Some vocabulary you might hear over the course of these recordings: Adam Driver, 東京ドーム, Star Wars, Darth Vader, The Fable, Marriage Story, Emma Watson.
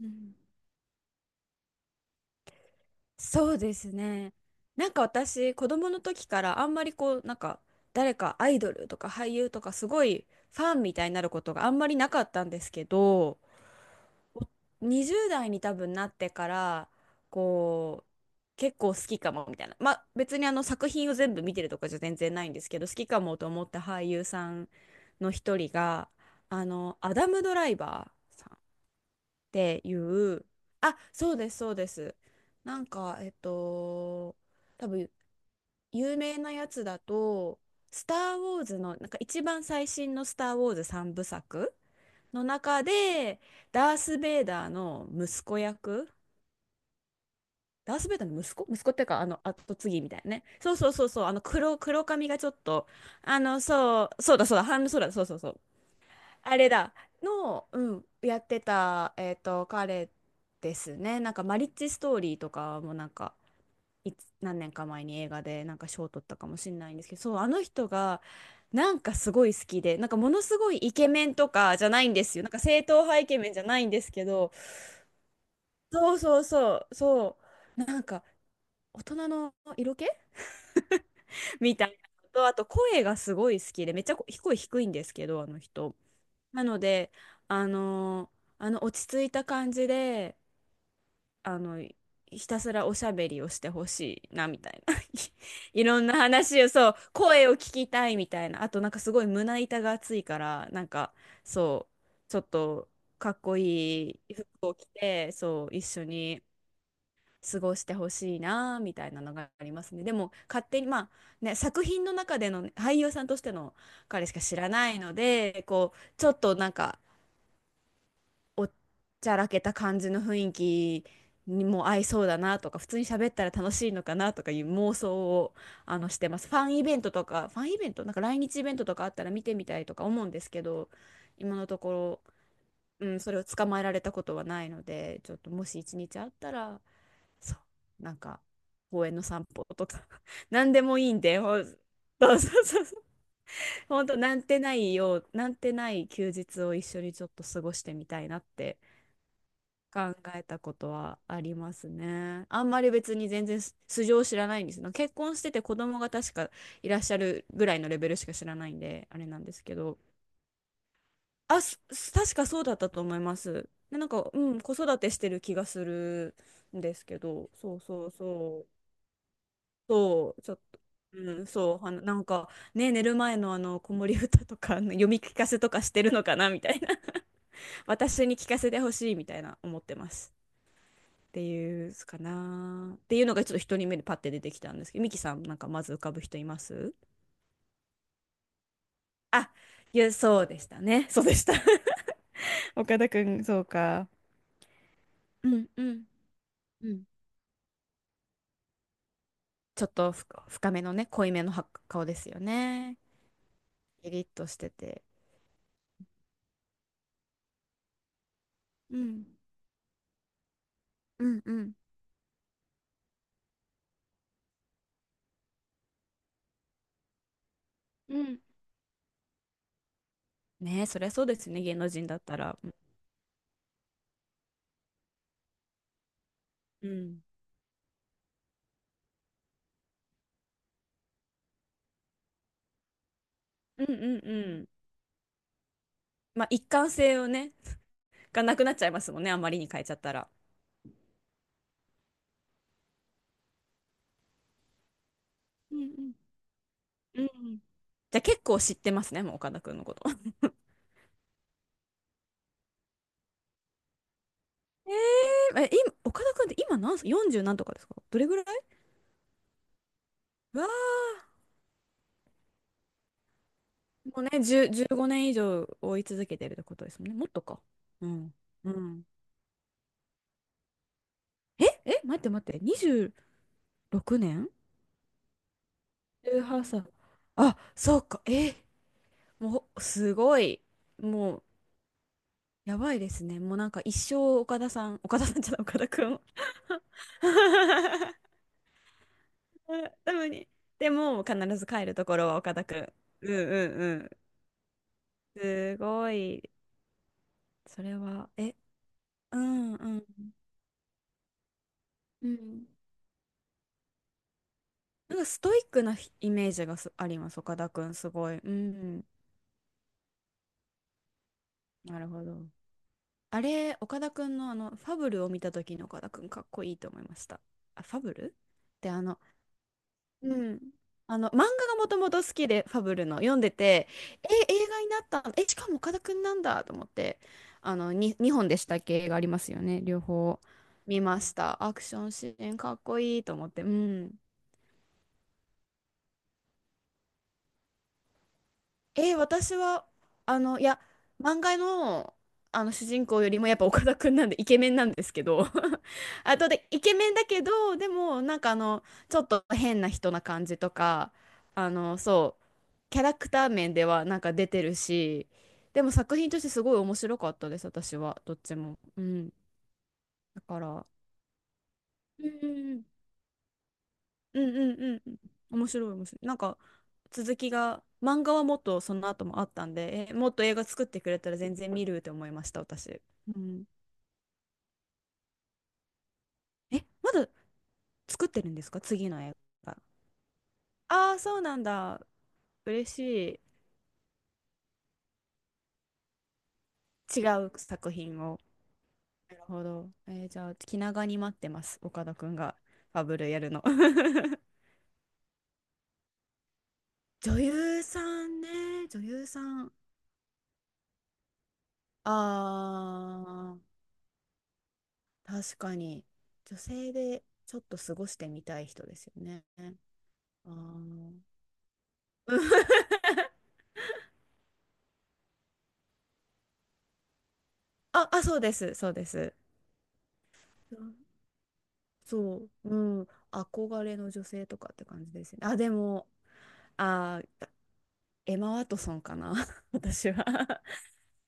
うん、そうですね。なんか私、子供の時からあんまりこう、なんか誰かアイドルとか俳優とかすごいファンみたいになることがあんまりなかったんですけど、20代に多分なってから、こう、結構好きかもみたいな。まあ別にあの作品を全部見てるとかじゃ全然ないんですけど、好きかもと思った俳優さんの一人が、あの、アダム・ドライバーさんっていう、あ、そうです、そうです。なんか、多分有名なやつだと、スター・ウォーズの、なんか一番最新のスター・ウォーズ3部作の中で、ダース・ベイダーの息子役、ダース・ベイダーの息子っていうか、あの、後継ぎみたいなね。そうそうそうそう、あの黒髪がちょっと、あの、そう、そうだそうだ、そうだ、そうそうそう。あれだ、の、うん、やってた、彼ですね。なんか、マリッジストーリーとかもなんか、何年か前に映画でなんか賞を取ったかもしれないんですけど、そう、あの人が、なんかすごい好きで、なんかものすごいイケメンとかじゃないんですよ。なんか正統派イケメンじゃないんですけど、そうそうそう、そう、なんか、大人の色気 みたいなのと、あと声がすごい好きで、めっちゃ声低いんですけど、あの人。なので、あの、あの落ち着いた感じで、あの、ひたすらおしゃべりをしてほしいな、みたいな。いろんな話を、そう、声を聞きたいみたいな。あと、なんかすごい胸板が厚いから、なんか、そう、ちょっとかっこいい服を着て、そう、一緒に過ごしてほしいな、みたいなのがありますね。でも、勝手に、まあ、ね、作品の中でのね俳優さんとしての彼しか知らないので、こう、ちょっとなんか、おっちゃらけた感じの雰囲気にも合いそうだなとか、普通に喋ったら楽しいのかなとかいう妄想をあのしてます。ファンイベントとか、ファンイベント、なんか来日イベントとかあったら見てみたいとか思うんですけど、今のところ、うん、それを捕まえられたことはないので、ちょっともし一日あったら、そう、なんか公園の散歩とか、何でもいいんで、そうそうそうそう。本当なんてないよう、なんてない休日を一緒にちょっと過ごしてみたいなって考えたことはありますね。あんまり別に全然素性を知らないんですの。結婚してて子供が確かいらっしゃるぐらいのレベルしか知らないんで、あれなんですけど。あ、確かそうだったと思います。でなんか、うん、子育てしてる気がするんですけど、そうそうそう。そう、ちょっと。うん、そう、あの、なんか、ね、寝る前のあの、子守歌とか、あの読み聞かせとかしてるのかな、みたいな。私に聞かせてほしい、みたいな、思ってます。っていうすかなっていうのがちょっと一人目でパッて出てきたんですけど、ミキさんなんかまず浮かぶ人います？あ、いや、そうでしたね。 そうでした。 岡田君、そうか。うんうんうん。ちょっと深めのね、濃いめのは顔ですよね。キリッとしてて、うんうんうんうん。ねえ、そりゃそうですね、芸能人だったら。うんうんうんうん。まあ一貫性をね、がなくなっちゃいますもんね、あまりに変えちゃったら。うんうんうんうん。じゃあ結構知ってますねもう、岡田君のこと。ええ、今、岡田君って今何歳？ 40 何とかですか、どれぐらい？わー、もうね、10、15年以上追い続けてるってことですもんね。もっとか。うん。うん。え、待って待って、26年？ 18 歳。あ、そうか。え、もう、すごい。もう、やばいですね。もうなんか一生岡田さん、岡田さんじゃない、岡田君。多分に。でも、必ず帰るところは岡田君。うんうんうん。すごい。それは、え、うんうん。うん。なんかストイックなイメージがあります、岡田くん、すごい。うん、なるほど。あれ、岡田くんのあの、ファブルを見た時の岡田くん、かっこいいと思いました。あ、ファブルってあの、うん。あの、漫画がもともと好きで、ファブルの、読んでて、え、映画になったの、え、しかも岡田くんなんだと思って、あの、2本でしたっけ、映画ありますよね、両方見ました。アクションシーン、かっこいいと思って、うん。私は、あの、いや、漫画の、あの主人公よりもやっぱ岡田くんなんでイケメンなんですけど あとでイケメンだけど、でもなんかあのちょっと変な人な感じとか、あの、そうキャラクター面ではなんか出てるし、でも作品としてすごい面白かったです、私はどっちも。うん、だから、うんうんうんうんうんうん。面白い、面白い。なんか続きが、漫画はもっとその後もあったんで、え、もっと映画作ってくれたら全然見るって思いました、私。うん。え、まだ作ってるんですか、次の映画？ああー、そうなんだ。嬉しい。違う作品を。なるほど。じゃあ、気長に待ってます、岡田くんがファブルやるの。女優さんね、女優さん。あ、確かに女性でちょっと過ごしてみたい人ですよね。あー。 あ、あ、そうです、そうです。そう、うん、憧れの女性とかって感じですね。あ、でも、あー、エマ・ワトソンかな、私は。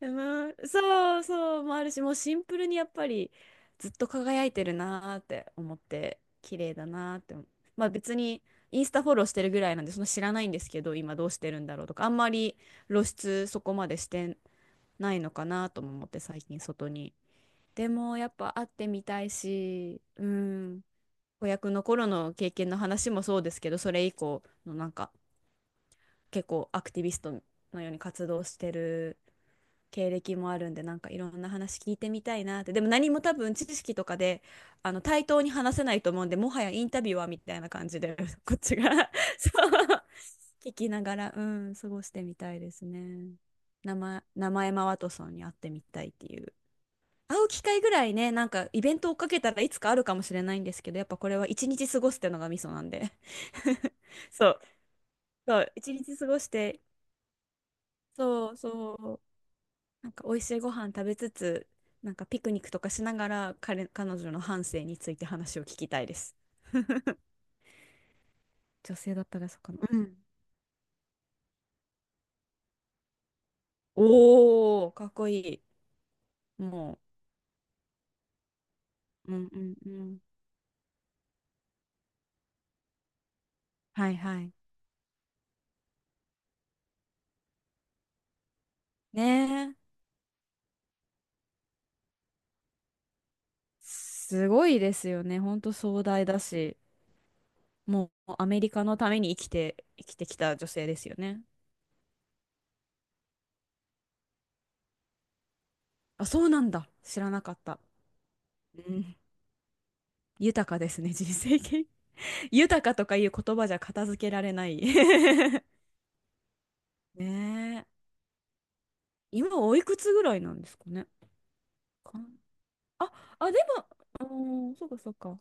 うん、そうそうもあるし、もうシンプルにやっぱりずっと輝いてるなーって思って、綺麗だなーって思う。まあ別にインスタフォローしてるぐらいなんで、そんな知らないんですけど、今どうしてるんだろうとか、あんまり露出そこまでしてないのかなとも思って最近外に。でもやっぱ会ってみたいし、うん、子役の頃の経験の話もそうですけど、それ以降のなんか結構アクティビストのように活動してる経歴もあるんで、なんかいろんな話聞いてみたいなって。でも何も多分知識とかで、あの、対等に話せないと思うんで、もはやインタビュアーみたいな感じで こっちが そう、聞きながら、うん、過ごしてみたいですね。名前マワトソンに会ってみたいっていう。会う機会ぐらいね、なんかイベントを追っかけたらいつかあるかもしれないんですけど、やっぱこれは一日過ごすってのがミソなんで。そう、そう、一日過ごして、そうそうなんか美味しいご飯食べつつ、なんかピクニックとかしながら彼、彼女の半生について話を聞きたいです。女性だったらそうかな。うん。おー、かっこいい。もう、うんうんうん。はいはい。ねえ、すごいですよね。ほんと壮大だし、もうアメリカのために生きて、生きてきた女性ですよね。あ、そうなんだ。知らなかった。うん。豊かですね、人生経験。豊かとかいう言葉じゃ片付けられない。 ねえ。今おいくつぐらいなんですかね。かんあ、あ、でも、うーん、そうかそうか。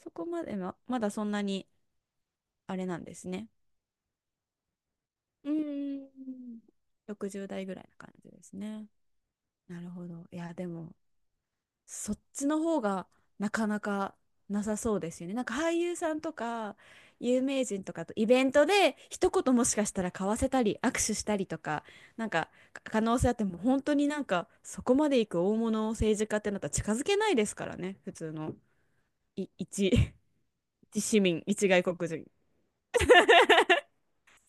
そこまでは、まだそんなにあれなんですね。うーん。60代ぐらいな感じですね。なるほど。いや、でも、そっちの方がなかなかなさそうですよね。なんか俳優さんとか有名人とかとイベントで一言もしかしたら交わせたり握手したりとかなんか可能性あっても、本当になんかそこまでいく大物政治家ってなったら近づけないですからね、普通のい一、一市民、一外国人、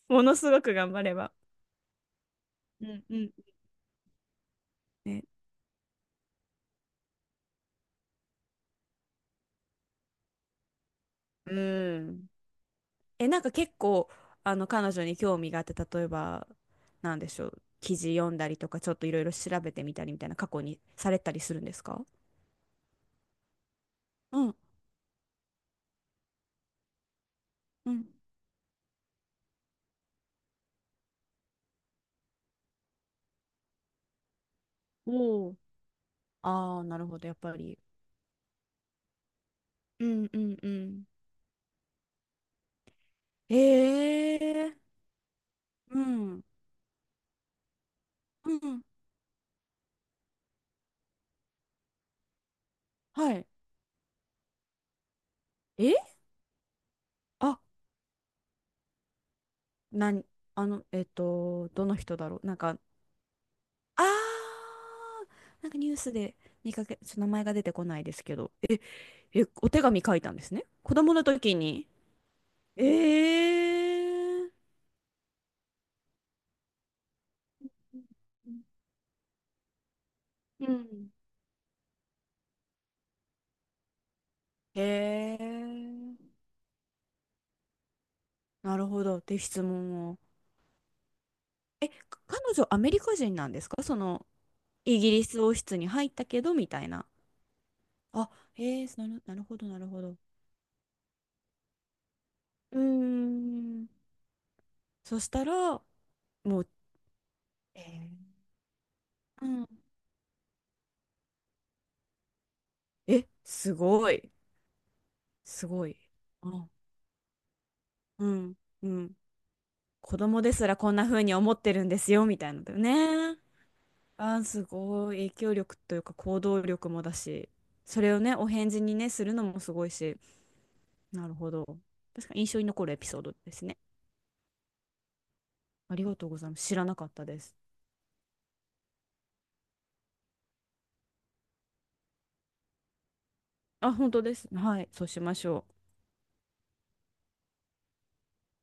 ものすごく頑張れば。うんうん。ね。うん。え、なんか結構、あの、彼女に興味があって、例えば、なんでしょう、記事読んだりとか、ちょっといろいろ調べてみたりみたいな過去にされたりするんですか？うんうん、おおー。ああ、なるほど、やっぱり。うんうんうん。えー、うん。うん。はい。え、あ、なに、あの、どの人だろうなんか、あー、なんかニュースで見かけ、ちょっと名前が出てこないですけど、え、え、お手紙書いたんですね。子供の時に。ええ、うん、へえ、なるほど。って質問を。え、彼女アメリカ人なんですか、その、イギリス王室に入ったけど、みたいな。あ、ええその、なるほど、なるほど。うーん。そしたら、もう、えうん。え、すごい。すごい。あ、うん、うん。子供ですらこんな風に思ってるんですよ、みたいなのだよね。あー、すごい影響力というか行動力もだし、それをね、お返事にね、するのもすごいし、なるほど。確かに印象に残るエピソードですね。ありがとうございます。知らなかったです。あ、本当です。はい、そうしましょう。